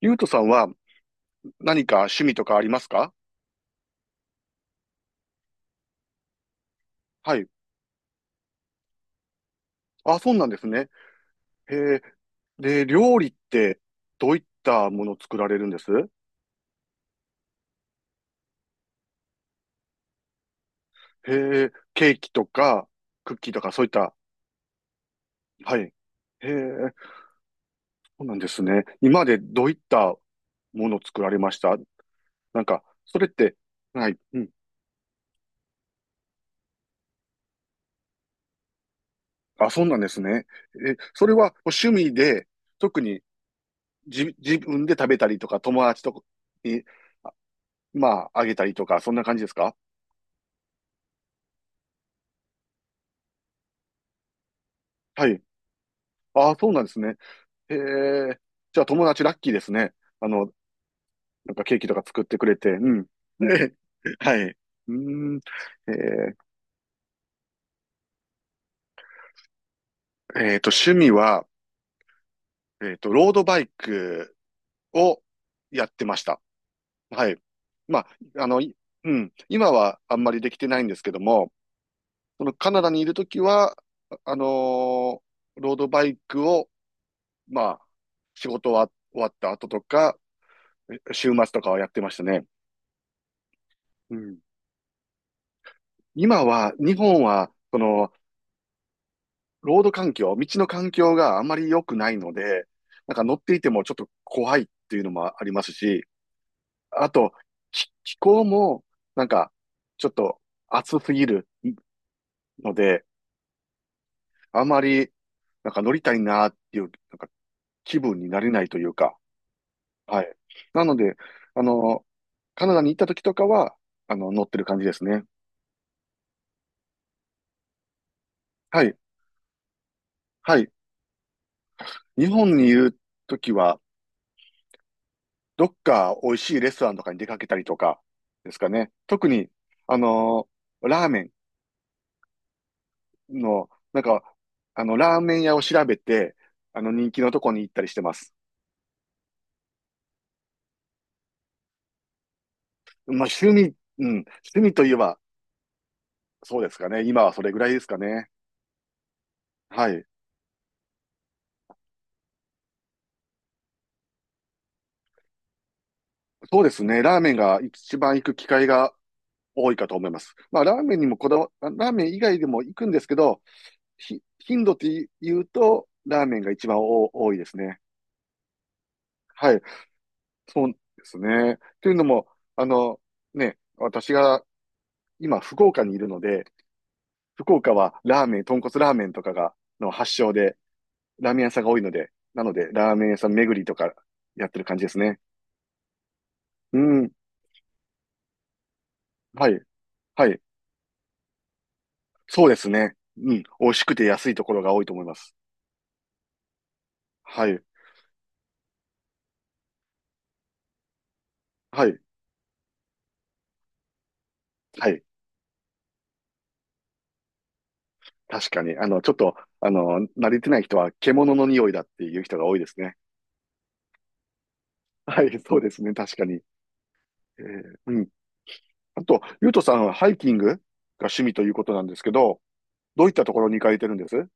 ゆうとさんは何か趣味とかありますか？はい。あ、そうなんですね。へえ。で、料理ってどういったものを作られるんです？へえ。ケーキとかクッキーとかそういった。はい。へえ。そうなんですね。今までどういったものを作られました？なんか、それって、はい。うん。あ、そうなんですね。え、それは趣味で、特に自分で食べたりとか、友達とかに、まあ、あげたりとか、そんな感じですか？はい。ああ、そうなんですね。へえ。じゃあ友達ラッキーですね。あの、なんかケーキとか作ってくれて。うん。ね。はい。うーん。えー趣味は、ロードバイクをやってました。はい。まあ、あの、うん。今はあんまりできてないんですけども、そのカナダにいるときは、あのーロードバイクを、まあ、仕事は終わった後とか、週末とかはやってましたね。うん。今は、日本は、その、ロード環境、道の環境があまり良くないので、なんか乗っていてもちょっと怖いっていうのもありますし、あと、気候も、なんか、ちょっと暑すぎるので、あまり、なんか乗りたいなっていう、なんか気分になれないというか、はい。なので、あの、カナダに行った時とかは、あの、乗ってる感じですね。はい。はい。日本にいる時は、どっか美味しいレストランとかに出かけたりとかですかね。特に、あのラーメンの、なんか、あの、ラーメン屋を調べて、あの、人気のとこに行ったりしてます。まあ、趣味、うん、趣味といえば、そうですかね。今はそれぐらいですかね。はい。そうですね。ラーメンが一番行く機会が多いかと思います。まあ、ラーメン以外でも行くんですけど、頻度って言うと、ラーメンが一番お多いですね。はい。そうですね。というのも、あの、ね、私が今福岡にいるので、福岡はラーメン、豚骨ラーメンとかが、の発祥で、ラーメン屋さんが多いので、なので、ラーメン屋さん巡りとかやってる感じですね。うん。はい。はい。そうですね。うん。美味しくて安いところが多いと思います。はい。はい。はい。確かに。あの、ちょっと、あの、慣れてない人は獣の匂いだっていう人が多いですね。はい。そうですね。確かに。うん。あと、ゆうとさんはハイキングが趣味ということなんですけど、どういったところに行かれてるんです？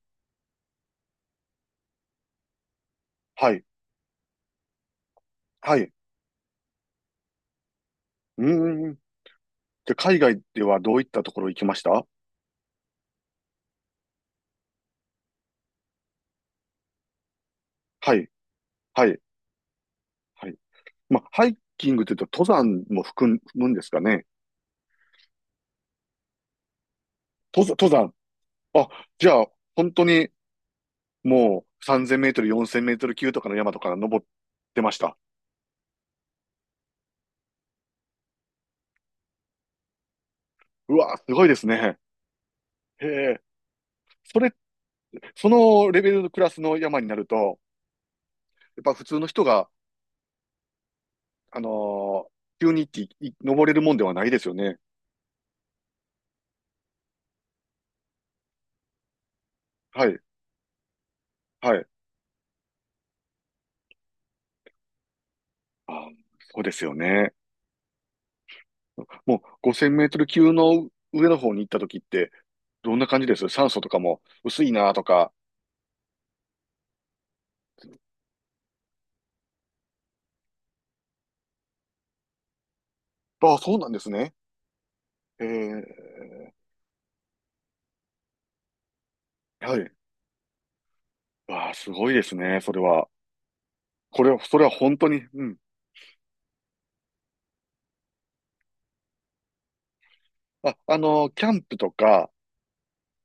はい、はい。うーん。じゃ海外ではどういったところ行きました？はい、はい、はい。まあ、ハイキングというと登山も含むんですかね？登山、登山。あ、じゃあ、本当にもう3000メートル、4000メートル級とかの山とか登ってました。うわ、すごいですね。へえ。それ、そのレベルのクラスの山になると、やっぱ普通の人があのー、急にっていい登れるもんではないですよね。はい、はい。あー、そうですよね。もう5000メートル級の上の方に行った時って、どんな感じです？酸素とかも薄いなとか。ああ、そうなんですね。ええ、はい。ああ、すごいですね、それは。これは、それは本当に、うん。あ、あのー、キャンプとか、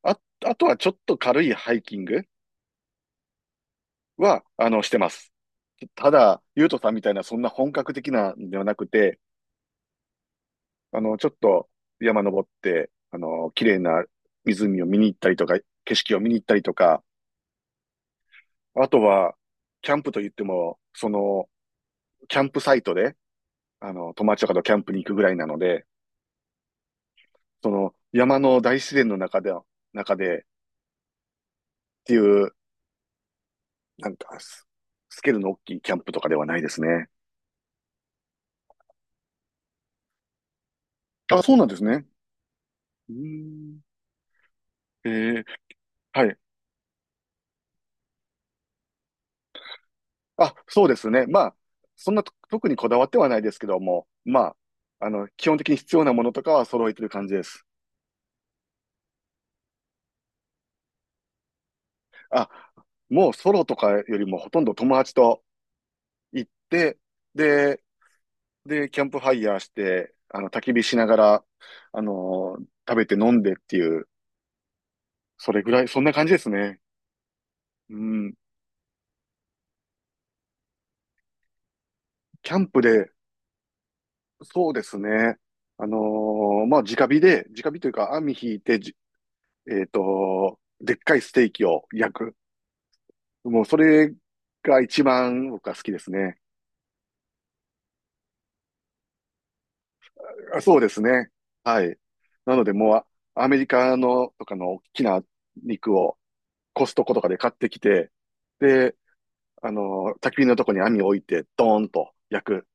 あ、あとはちょっと軽いハイキングは、あの、してます。ただ、ゆうとさんみたいな、そんな本格的なんではなくて、あの、ちょっと山登って、あの、綺麗な湖を見に行ったりとか、景色を見に行ったりとか、あとは、キャンプと言っても、その、キャンプサイトで、あの、友達とかとキャンプに行くぐらいなので、その、山の大自然の中で、っていう、なんかス、スケールの大きいキャンプとかではないですね。あ、そうなんですね。うーん。えーはい。あ、そうですね。まあ、そんなと特にこだわってはないですけども、まあ、あの、基本的に必要なものとかは揃えてる感じです。あ、もうソロとかよりもほとんど友達と行って、で、で、キャンプファイヤーして、あの、焚き火しながら、あの食べて飲んでっていう、それぐらい、そんな感じですね。うん。キャンプで、そうですね。まあ、直火で、直火というか網引いて、じえっと、でっかいステーキを焼く。もうそれが一番僕は好きですね。あ、そうですね。はい。なのでもうアメリカのとかの大きな肉をコストコとかで買ってきて、で、あの、焚き火のとこに網を置いてドーンと焼く。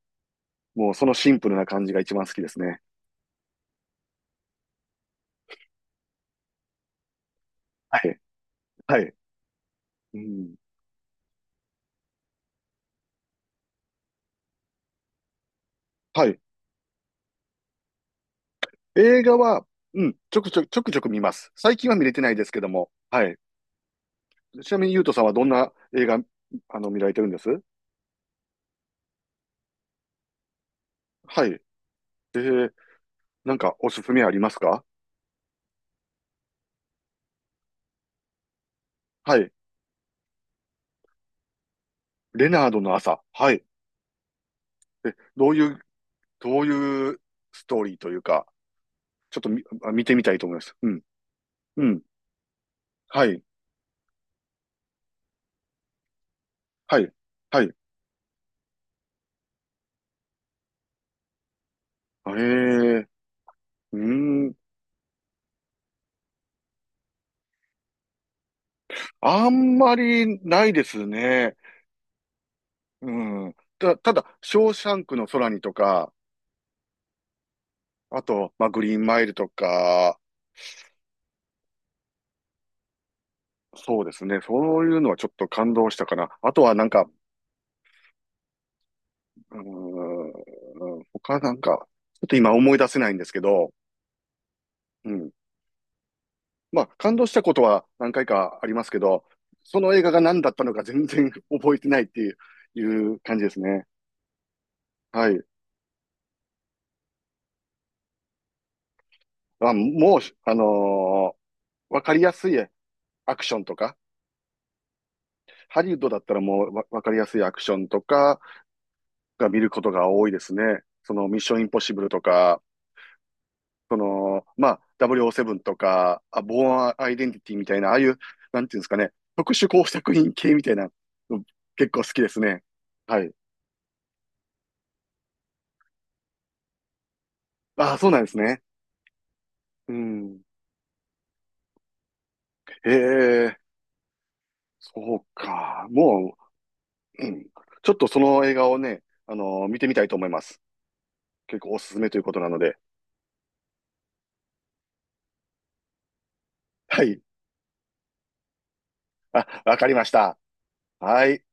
もうそのシンプルな感じが一番好きですね。はい。はい。うん。はい。映画は、うん、ちょくちょく見ます。最近は見れてないですけども。はい。ちなみに、ゆうとさんはどんな映画、あの、見られてるんです？はい。で、なんかおすすめありますか？はい。レナードの朝。はい。え、どういうストーリーというか、ちょっと見てみたいと思います。うん。うん。はい。はい。はい。へえ。うーん。あんまりないですね。うん。ただ、ショーシャンクの空にとか、あと、まあ、グリーンマイルとか、そうですね。そういうのはちょっと感動したかな。あとはなんか、うーん、他なんか、ちょっと今思い出せないんですけど、うん。まあ、感動したことは何回かありますけど、その映画が何だったのか全然 覚えてないっていう感じですね。はい。あ、もう、わかりやすいアクションとか、ハリウッドだったらもうわかりやすいアクションとかが見ることが多いですね。そのミッションインポッシブルとか、その、まあ、0ブ7とか、あ、ボーンアイデンティティみたいな、ああいう、なんていうんですかね、特殊工作品系みたいな、結構好きですね。はい。ああ、そうなんですね。うん。へえ、そうか。もう、うん、ちょっとその映画をね、見てみたいと思います。結構おすすめということなので。はい。あ、わかりました。はい。